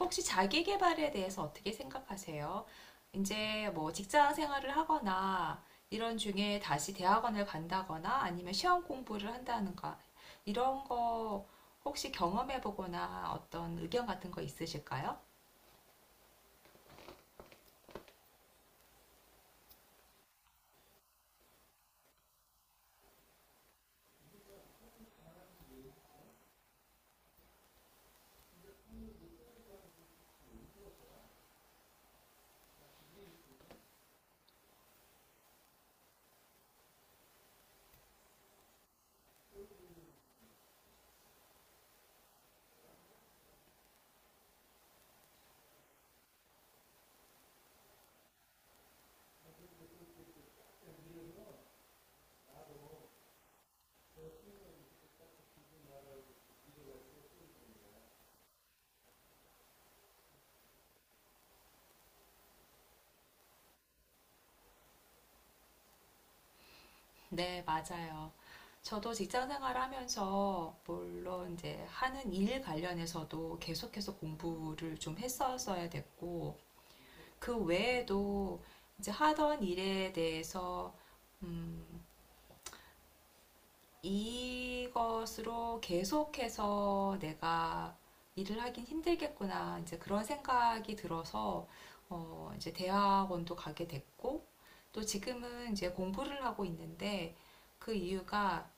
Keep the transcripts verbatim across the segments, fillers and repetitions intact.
혹시 자기 개발에 대해서 어떻게 생각하세요? 이제 뭐 직장 생활을 하거나 이런 중에 다시 대학원을 간다거나 아니면 시험 공부를 한다는가 이런 거 혹시 경험해 보거나 어떤 의견 같은 거 있으실까요? 네, 맞아요. 저도 직장 생활하면서 물론 이제 하는 일 관련해서도 계속해서 공부를 좀 했었어야 됐고 그 외에도 이제 하던 일에 대해서 음, 이것으로 계속해서 내가 일을 하긴 힘들겠구나. 이제 그런 생각이 들어서, 어, 이제 대학원도 가게 됐고, 또 지금은 이제 공부를 하고 있는데, 그 이유가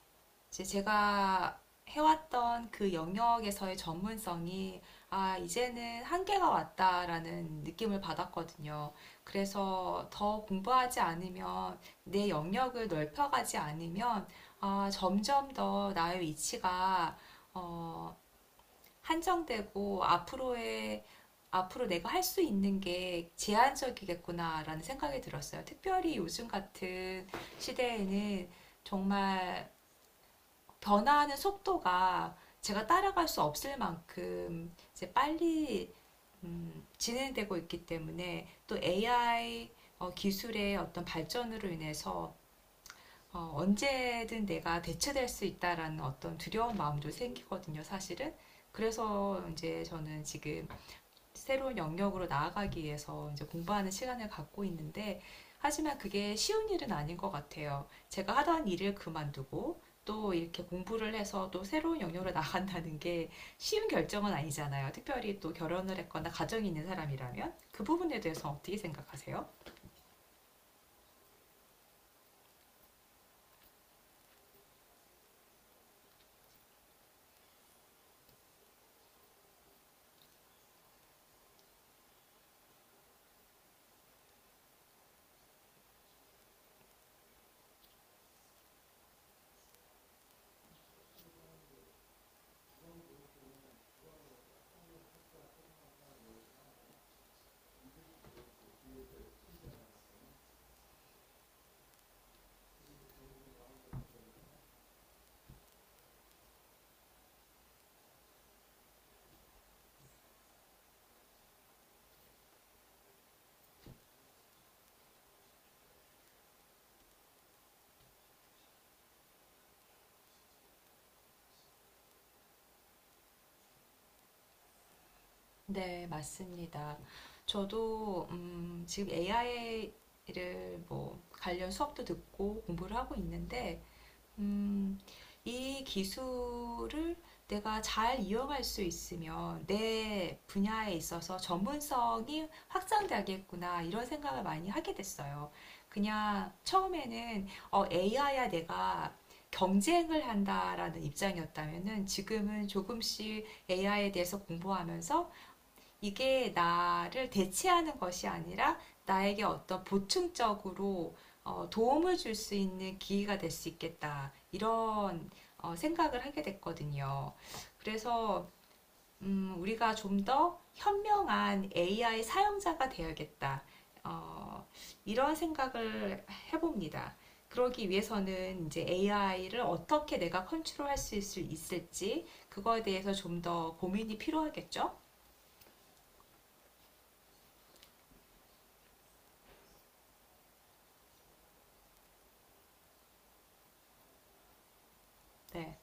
이제 제가 해왔던 그 영역에서의 전문성이 아, 이제는 한계가 왔다라는 느낌을 받았거든요. 그래서 더 공부하지 않으면 내 영역을 넓혀가지 않으면 아, 점점 더 나의 위치가 어, 한정되고 앞으로의 앞으로 내가 할 수 있는 게 제한적이겠구나라는 생각이 들었어요. 특별히 요즘 같은 시대에는 정말 변화하는 속도가 제가 따라갈 수 없을 만큼 이제 빨리 음, 진행되고 있기 때문에 또 에이아이 어, 기술의 어떤 발전으로 인해서 어, 언제든 내가 대체될 수 있다라는 어떤 두려운 마음도 생기거든요, 사실은. 그래서 이제 저는 지금 새로운 영역으로 나아가기 위해서 이제 공부하는 시간을 갖고 있는데 하지만 그게 쉬운 일은 아닌 것 같아요. 제가 하던 일을 그만두고 또 이렇게 공부를 해서 또 새로운 영역으로 나간다는 게 쉬운 결정은 아니잖아요. 특별히 또 결혼을 했거나 가정이 있는 사람이라면 그 부분에 대해서 어떻게 생각하세요? 네, 맞습니다. 저도 음, 지금 에이아이를 뭐 관련 수업도 듣고 공부를 하고 있는데 음, 이 기술을 내가 잘 이용할 수 있으면 내 분야에 있어서 전문성이 확장되겠구나 이런 생각을 많이 하게 됐어요. 그냥 처음에는 에이아이야 내가 경쟁을 한다라는 입장이었다면은 지금은 조금씩 에이아이에 대해서 공부하면서 이게 나를 대체하는 것이 아니라 나에게 어떤 보충적으로 어, 도움을 줄 수 있는 기회가 될 수 있겠다. 이런 어, 생각을 하게 됐거든요. 그래서 음, 우리가 좀 더 현명한 에이아이 사용자가 되어야겠다. 어, 이런 생각을 해봅니다. 그러기 위해서는 이제 에이아이를 어떻게 내가 컨트롤할 수 있을- 있을지 그거에 대해서 좀 더 고민이 필요하겠죠? 네.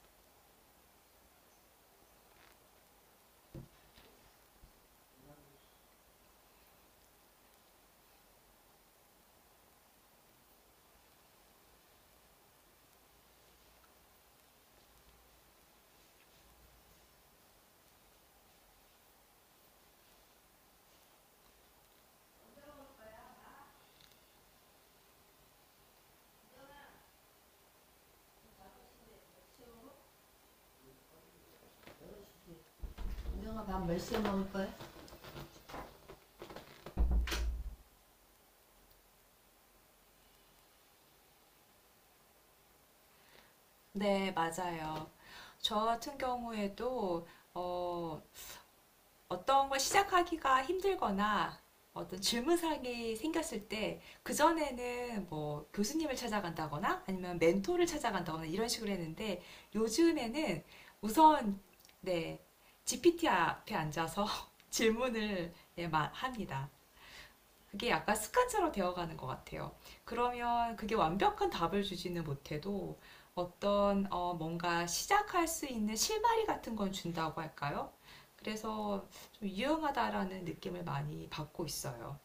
우영아 밥 몇 시에 먹을 거야? 네, 맞아요. 저 같은 경우에도 어, 어떤 걸 시작하기가 힘들거나 어떤 질문사항이 생겼을 때 그전에는 뭐 교수님을 찾아간다거나 아니면 멘토를 찾아간다거나 이런 식으로 했는데 요즘에는 우선 네, 지피티 앞에 앉아서 질문을 예, 합니다. 그게 약간 습관처럼 되어가는 것 같아요. 그러면 그게 완벽한 답을 주지는 못해도 어떤 어, 뭔가 시작할 수 있는 실마리 같은 건 준다고 할까요? 그래서 좀 유용하다라는 느낌을 많이 받고 있어요.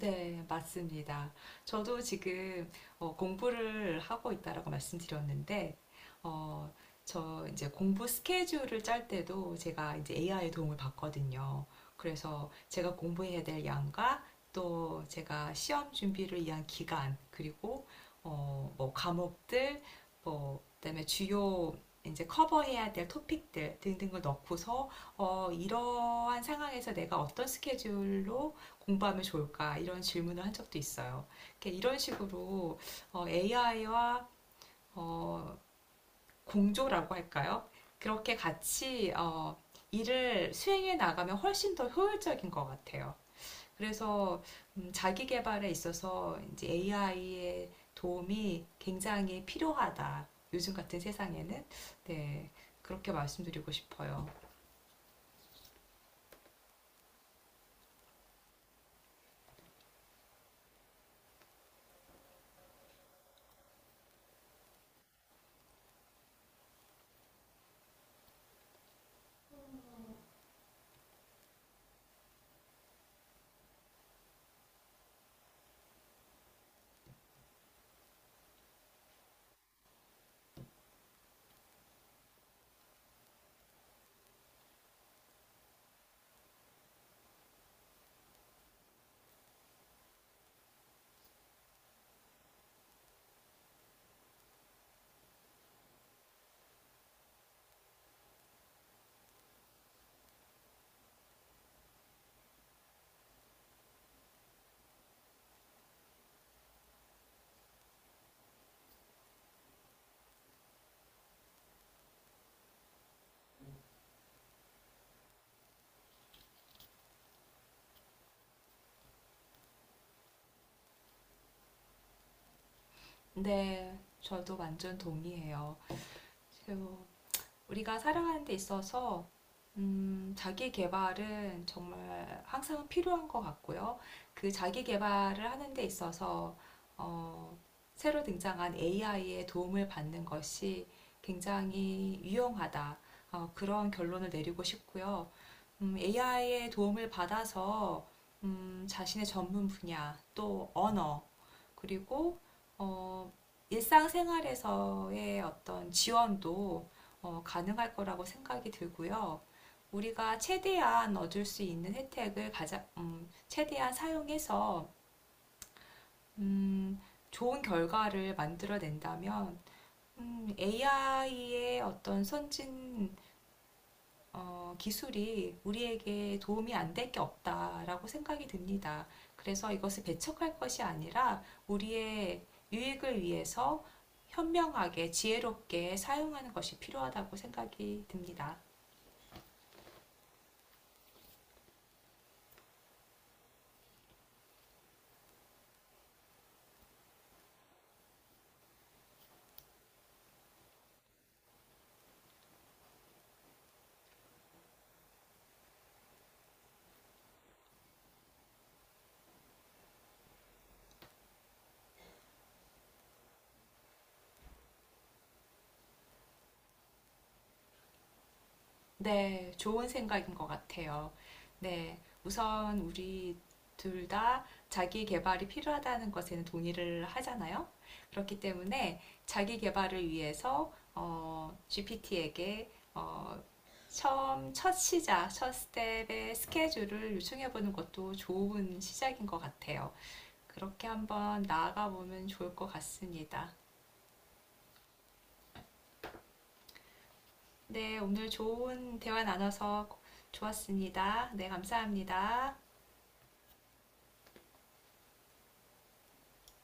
네, 맞습니다. 저도 지금 어, 공부를 하고 있다라고 말씀드렸는데, 어, 저 이제 공부 스케줄을 짤 때도 제가 이제 에이아이의 도움을 받거든요. 그래서 제가 공부해야 될 양과 또 제가 시험 준비를 위한 기간, 그리고 어, 뭐 과목들, 뭐 그다음에 주요 이제 커버해야 될 토픽들 등등을 넣고서 어, 이러한 상황에서 내가 어떤 스케줄로 공부하면 좋을까? 이런 질문을 한 적도 있어요. 이렇게 이런 식으로 에이아이와 공조라고 할까요? 그렇게 같이 어, 일을 수행해 나가면 훨씬 더 효율적인 것 같아요. 그래서 음, 자기 개발에 있어서 이제 에이아이의 도움이 굉장히 필요하다. 요즘 같은 세상에는 네 그렇게 말씀드리고 싶어요. 네, 저도 완전 동의해요. 우리가 살아가는 데 있어서 음, 자기 개발은 정말 항상 필요한 것 같고요. 그 자기 개발을 하는 데 있어서 어, 새로 등장한 에이아이의 도움을 받는 것이 굉장히 유용하다. 어, 그런 결론을 내리고 싶고요. 에이아이의 도움을 받아서 음, 자신의 전문 분야, 또 언어, 그리고 어, 일상생활에서의 어떤 지원도 어, 가능할 거라고 생각이 들고요. 우리가 최대한 얻을 수 있는 혜택을 가장, 음, 최대한 사용해서, 음, 좋은 결과를 만들어낸다면, 에이아이의 어떤 선진, 어, 기술이 우리에게 도움이 안 될 게 없다라고 생각이 듭니다. 그래서 이것을 배척할 것이 아니라 우리의 유익을 위해서 현명하게 지혜롭게 사용하는 것이 필요하다고 생각이 듭니다. 네, 좋은 생각인 것 같아요. 네, 우선 우리 둘 다 자기 개발이 필요하다는 것에는 동의를 하잖아요. 그렇기 때문에 자기 개발을 위해서 어, 지피티에게 어, 처음 첫 시작, 첫 스텝의 스케줄을 요청해 보는 것도 좋은 시작인 것 같아요. 그렇게 한번 나아가 보면 좋을 것 같습니다. 네, 오늘 좋은 대화 나눠서 좋았습니다. 네, 감사합니다.